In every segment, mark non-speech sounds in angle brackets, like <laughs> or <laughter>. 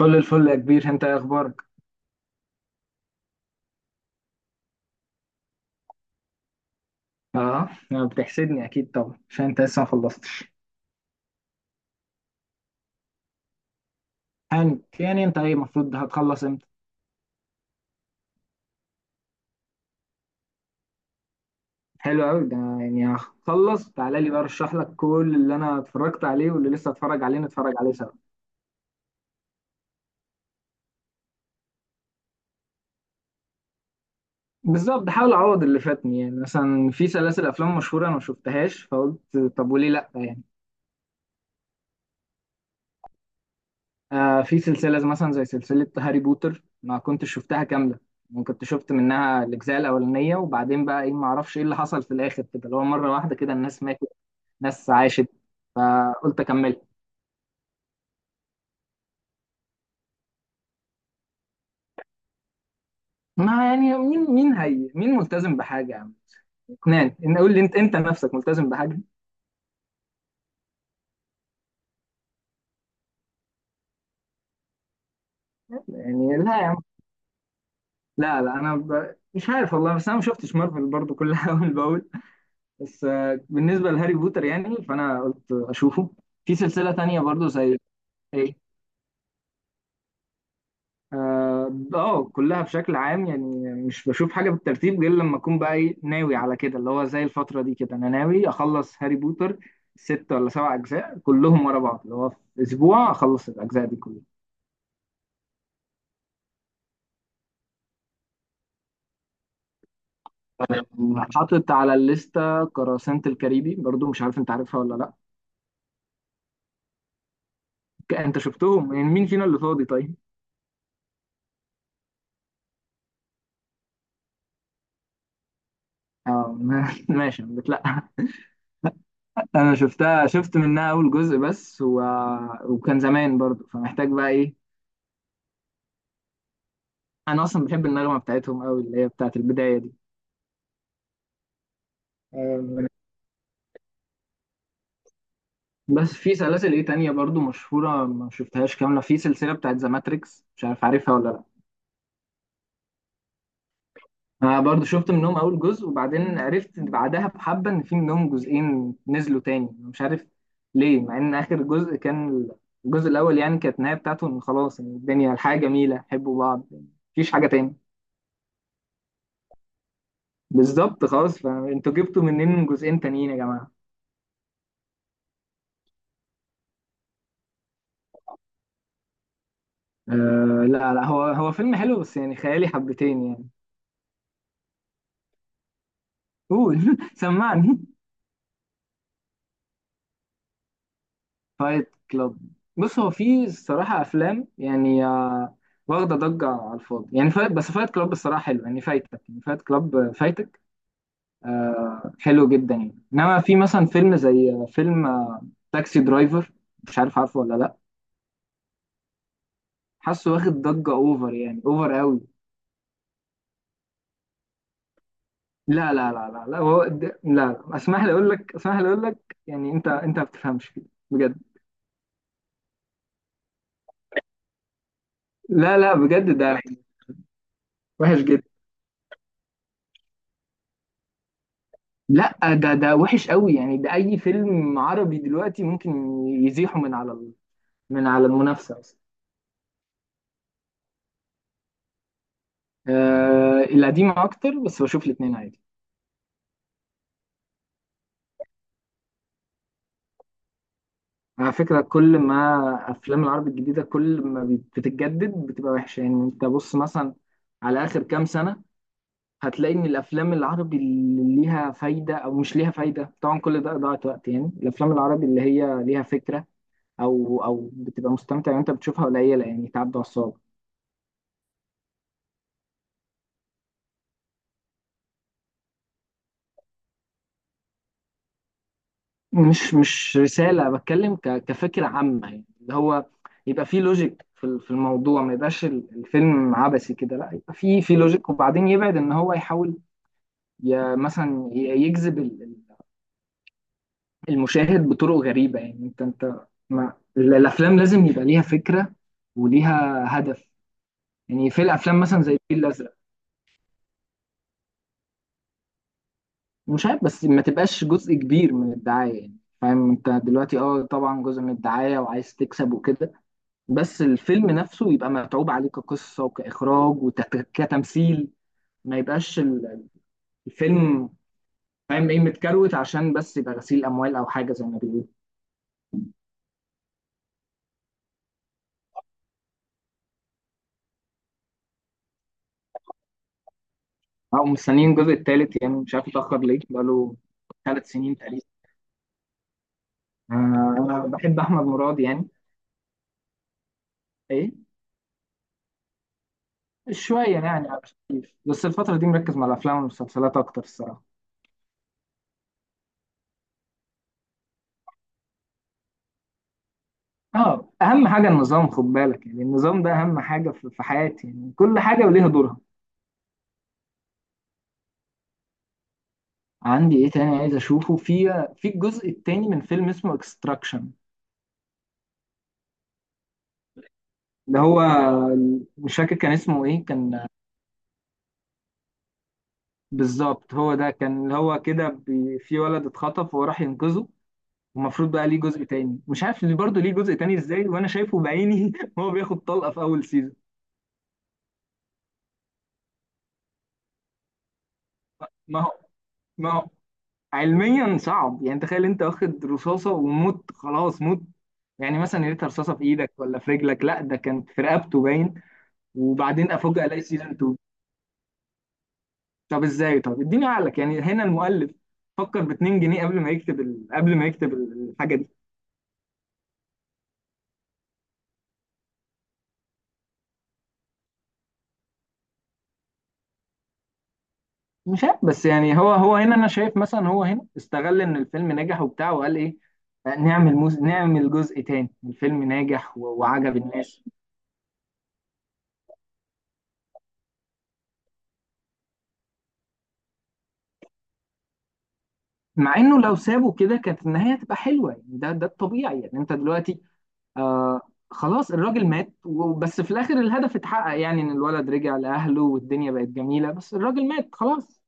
كل الفل يا كبير، انت ايه اخبارك؟ اه بتحسدني اكيد طبعا عشان انت لسه ما خلصتش. يعني انت ايه المفروض هتخلص امتى؟ حلو قوي ده، يعني هخلص تعالى لي بقى ارشح لك كل اللي انا اتفرجت عليه واللي لسه اتفرج عليه نتفرج عليه سوا. بالظبط، حاول اعوض اللي فاتني. يعني مثلا في سلاسل افلام مشهوره انا ما شفتهاش، فقلت طب وليه لا يعني. آه في سلسله مثلا زي سلسله هاري بوتر ما كنتش شفتها كامله. يعني كنت شفت منها الاجزاء الاولانيه، وبعدين بقى ايه، ما اعرفش ايه اللي حصل في الاخر كده، اللي هو مره واحده كده الناس ماتت، ناس عاشت، فقلت اكمل. ما يعني مين هي، مين ملتزم بحاجه يا عم؟ اثنان ان اقول لي انت نفسك ملتزم بحاجه؟ يعني لا يا عم، لا لا، مش عارف والله، بس انا ما شفتش مارفل برضو كلها <laughs> اول باول. بس بالنسبه لهاري بوتر يعني، فانا قلت اشوفه في سلسله تانية برضو زي ايه. اه كلها بشكل عام يعني، مش بشوف حاجه بالترتيب غير لما اكون بقى ايه، ناوي على كده، اللي هو زي الفتره دي كده، انا ناوي اخلص هاري بوتر، ست ولا سبع اجزاء كلهم ورا بعض، اللي هو في اسبوع اخلص الاجزاء دي كلها. حاطط على الليسته قراصنة الكاريبي برضو، مش عارف انت عارفها ولا لا. انت شفتهم؟ يعني مين فينا اللي فاضي طيب؟ اه <laughs> ماشي، أنا بتلا <laughs> انا شفتها، شفت منها اول جزء وكان زمان برضو، فمحتاج بقى ايه. انا اصلا بحب النغمه بتاعتهم قوي، اللي هي بتاعت البدايه دي. آه، بس في سلاسل ايه تانية برضو مشهوره ما شفتهاش كامله، في سلسله بتاعت ذا ماتريكس، مش عارف عارفها ولا لا. انا برضو شفت منهم اول جزء، وبعدين عرفت بعدها بحبه ان في منهم جزئين نزلوا تاني، مش عارف ليه، مع ان اخر جزء كان، الجزء الاول يعني، كانت النهايه بتاعته ان خلاص، إن الدنيا الحياه جميله، حبوا بعض، مفيش حاجه تاني. بالظبط، خلاص، فانتوا جبتوا منين جزئين تانيين يا جماعه؟ آه، لا لا، هو فيلم حلو بس يعني خيالي حبتين يعني. قول <laughs> سمعني. فايت كلاب؟ بص، هو في الصراحة أفلام يعني واخدة ضجة على الفاضي، يعني فايت، بس فايت كلاب الصراحة حلو، يعني فايتك، يعني فايت كلاب فايتك، آه حلو جدا يعني. إنما في مثلا فيلم زي آه، فيلم آه، تاكسي درايفر، مش عارف عارفه ولا لأ. حاسه واخد ضجة أوفر، يعني أوفر قوي. لا لا لا لا لا، لا، لا، اسمح لي أقول لك، اسمح لي أقول لك، يعني أنت ما بتفهمش كده بجد. لا لا بجد ده وحش جدا. لا ده وحش قوي يعني، ده اي فيلم عربي دلوقتي ممكن يزيحوا من على من على المنافسه اصلا. آه القديم اكتر، بس بشوف الاثنين عادي. على فكره، كل ما افلام العربي الجديده، كل ما بتتجدد بتبقى وحشه. يعني انت بص مثلا على اخر كام سنه، هتلاقي ان الافلام العربي اللي ليها فايده او مش ليها فايده، طبعا كل ده ضاعة وقت، يعني الافلام العربي اللي هي ليها فكره، او بتبقى مستمتع وانت بتشوفها قليله، يعني تعدي على الصعب. مش رسالة، بتكلم كفكرة عامة، يعني اللي هو يبقى فيه لوجيك في الموضوع، ما يبقاش الفيلم عبثي كده، لا يبقى فيه لوجيك، وبعدين يبعد ان هو يحاول، مثلا يجذب المشاهد بطرق غريبة، يعني انت ما الافلام لازم يبقى ليها فكرة وليها هدف، يعني في الافلام مثلا زي الفيل الازرق. مش عارف، بس ما تبقاش جزء كبير من الدعاية، يعني فاهم انت دلوقتي، اه طبعا جزء من الدعاية وعايز تكسب وكده، بس الفيلم نفسه يبقى متعوب عليه كقصة وكإخراج وكتمثيل، ما يبقاش الفيلم، فاهم ايه، متكروت عشان بس يبقى غسيل أموال أو حاجة زي ما بيقولوا. أو مستنيين الجزء التالت يعني، مش عارف اتأخر ليه، بقاله ثلاث سنين تقريبا. آه، أنا بحب أحمد مراد يعني. ايه، شوية يعني، بس الفترة دي مركز مع الأفلام والمسلسلات أكتر الصراحة. اه أهم حاجة النظام، خد بالك، يعني النظام ده أهم حاجة في حياتي، يعني كل حاجة وليها دورها. عندي ايه تاني عايز اشوفه؟ في الجزء التاني من فيلم اسمه اكستراكشن، اللي هو، مش فاكر كان اسمه ايه كان. بالظبط، هو ده كان، اللي هو كده في ولد اتخطف وهو راح ينقذه، ومفروض بقى ليه جزء تاني، مش عارف اللي برضه ليه جزء تاني ازاي وانا شايفه بعيني <laughs> وهو بياخد طلقة في اول سيزون. ما هو ما هو علميا صعب، يعني تخيل انت واخد رصاصة وموت، خلاص موت. يعني مثلا يا ريتها رصاصة في ايدك ولا في رجلك، لا ده كانت في رقبته باين. وبعدين افوجئ الاقي سيزون، طب ازاي؟ طب اديني عقلك، يعني هنا المؤلف فكر ب 2 جنيه قبل ما يكتب الحاجه دي. مش عارف، بس يعني هو هنا انا شايف، مثلا هو هنا استغل ان الفيلم نجح وبتاع، وقال ايه، نعمل جزء تاني، الفيلم ناجح وعجب الناس. مع انه لو سابه كده كانت النهايه هتبقى حلوه، يعني ده الطبيعي، يعني انت دلوقتي آه خلاص الراجل مات بس في الاخر الهدف اتحقق يعني، ان الولد رجع لاهله والدنيا بقت جميله، بس الراجل مات خلاص.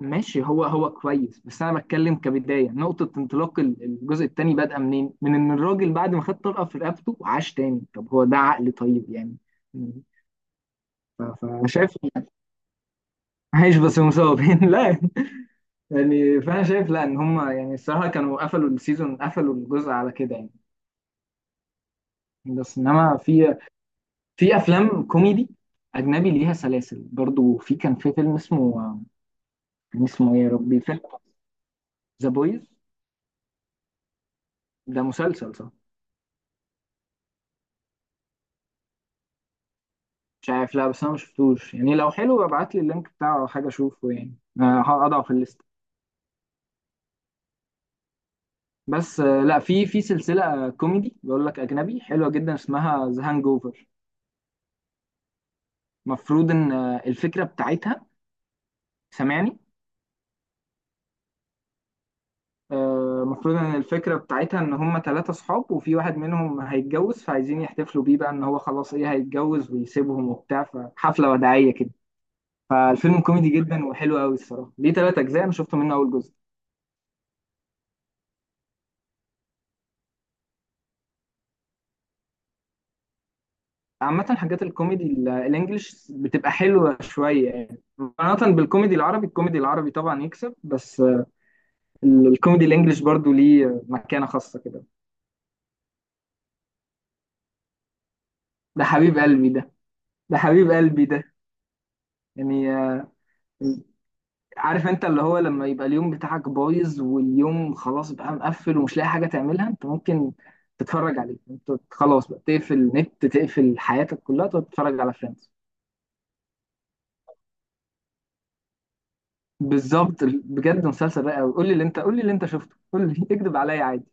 ماشي، هو كويس، بس انا بتكلم كبدايه، نقطه انطلاق الجزء الثاني بدأ منين؟ من ان الراجل بعد ما خد طلقه في رقبته عاش تاني، طب هو ده عقل طيب يعني؟ فشايف <laughs> عايش بس مصاب <laughs> لا يعني فانا شايف لا ان هم، يعني الصراحه كانوا قفلوا السيزون، قفلوا الجزء على كده يعني، بس انما في، في افلام كوميدي اجنبي ليها سلاسل برضو، في كان في فيلم اسمه، كان اسمه ايه يا ربي، فيلم. ذا بويز؟ ده مسلسل صح؟ مش عارف، لا بس انا ما شفتوش يعني، لو حلو ابعت لي اللينك بتاعه او حاجه اشوفه يعني، هقطعه في الليست. بس لا، في سلسله كوميدي بقول لك اجنبي حلوه جدا اسمها ذا هانج اوفر. المفروض ان الفكره بتاعتها، سامعني؟ المفروض ان الفكره بتاعتها ان هم ثلاثه صحاب وفي واحد منهم هيتجوز، فعايزين يحتفلوا بيه بقى ان هو خلاص ايه، هيتجوز ويسيبهم وبتاع، فحفله وداعيه كده، فالفيلم كوميدي جدا وحلو قوي الصراحه، ليه ثلاث اجزاء، انا شفت منه اول جزء. عامة حاجات الكوميدي الانجليش بتبقى حلوة شوية يعني، مقارنة بالكوميدي العربي، الكوميدي العربي طبعا يكسب، بس الكوميدي الانجليش برضو ليه مكانة خاصة كده. ده حبيب قلبي ده، ده حبيب قلبي ده. يعني عارف انت اللي هو، لما يبقى اليوم بتاعك بايظ واليوم خلاص بقى مقفل ومش لاقي حاجة تعملها، انت ممكن تتفرج عليه، انت خلاص بقى تقفل النت، تقفل حياتك كلها، تقعد تتفرج على فريندز. بالظبط، بجد مسلسل رائع قوي، قول لي اللي انت، قول لي اللي انت شفته، قول لي <laughs> اكذب عليا عادي.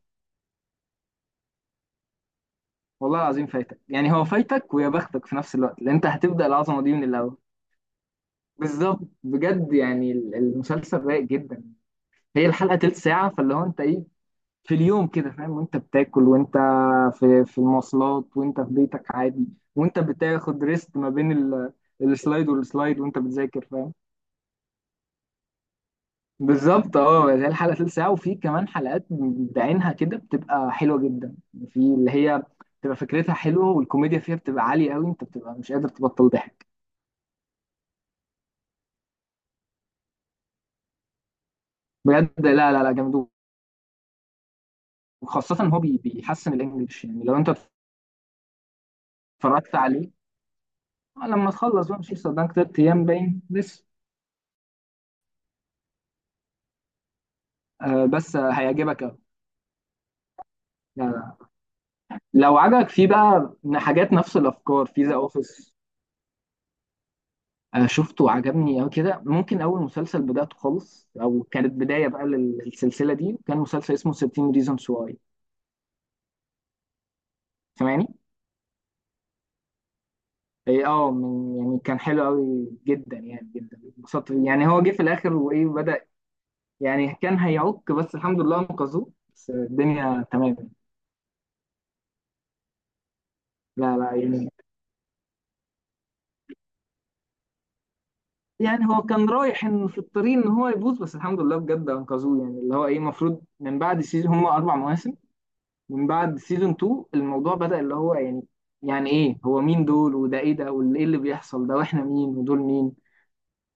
والله العظيم فايتك، يعني هو فايتك ويا بختك في نفس الوقت، لان انت هتبدا العظمه دي من الاول. بالظبط بجد، يعني المسلسل رايق جدا، هي الحلقه تلت ساعه، فاللي هو انت ايه، في اليوم كده فاهم، وانت بتاكل، وانت في المواصلات، وانت في بيتك عادي، وانت بتاخد ريست ما بين السلايد والسلايد، وانت بتذاكر فاهم. بالظبط، اه هي الحلقه تلت ساعه، وفي كمان حلقات بعينها كده بتبقى حلوه جدا، في اللي هي بتبقى فكرتها حلوه، والكوميديا فيها بتبقى عاليه قوي، انت بتبقى مش قادر تبطل ضحك. بجد، لا لا لا جامد. وخاصة إن هو بيحسن الإنجليش، يعني لو أنت اتفرجت عليه لما تخلص بقى، مش لسه قدامك تلات أيام باين لسه. آه بس هيعجبك أوي يعني. لو عجبك فيه بقى حاجات نفس الأفكار في ذا أوفيس، آه شفته وعجبني أوي كده. ممكن أول مسلسل بدأته خالص، أو كانت بداية بقى للسلسلة دي، كان مسلسل اسمه 13 Reasons Why. سامعني؟ إيه أه يعني كان حلو أوي جدا، يعني جدا اتبسطت، يعني هو جه في الآخر وإيه بدأ يعني كان هيعك، بس الحمد لله انقذوه، بس الدنيا تمام. لا لا يعني، يعني كان رايح إن في الطريق ان هو يبوظ، بس الحمد لله بجد انقذوه. يعني اللي هو ايه، المفروض من بعد سيزون، هم اربع مواسم، من بعد سيزون 2 الموضوع بدأ اللي هو يعني، يعني ايه هو مين دول، وده ايه ده، وايه اللي بيحصل ده، واحنا مين، ودول مين؟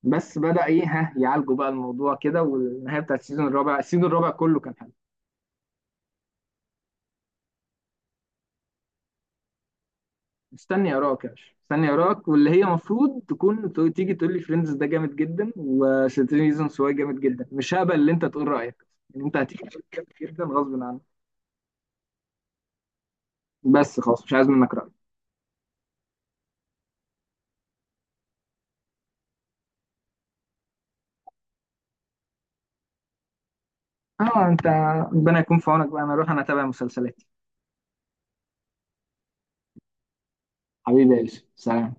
بس بدأ ايه، ها يعالجوا بقى الموضوع كده، والنهاية بتاعت السيزون الرابع، السيزون الرابع كله كان حلو. مستني اراك يا باشا، مستني اراك، واللي هي المفروض تكون تيجي تقول لي فريندز ده جامد جدا، وسيتيزنز هو جامد جدا، مش هقبل ان انت تقول رايك، يعني انت هتيجي تقول جامد جدا غصب عنك، بس خلاص مش عايز منك راي. اه انت، ربنا يكون في عونك بقى، انا اروح انا اتابع مسلسلاتي. حبيبي يا يوسف، سلام.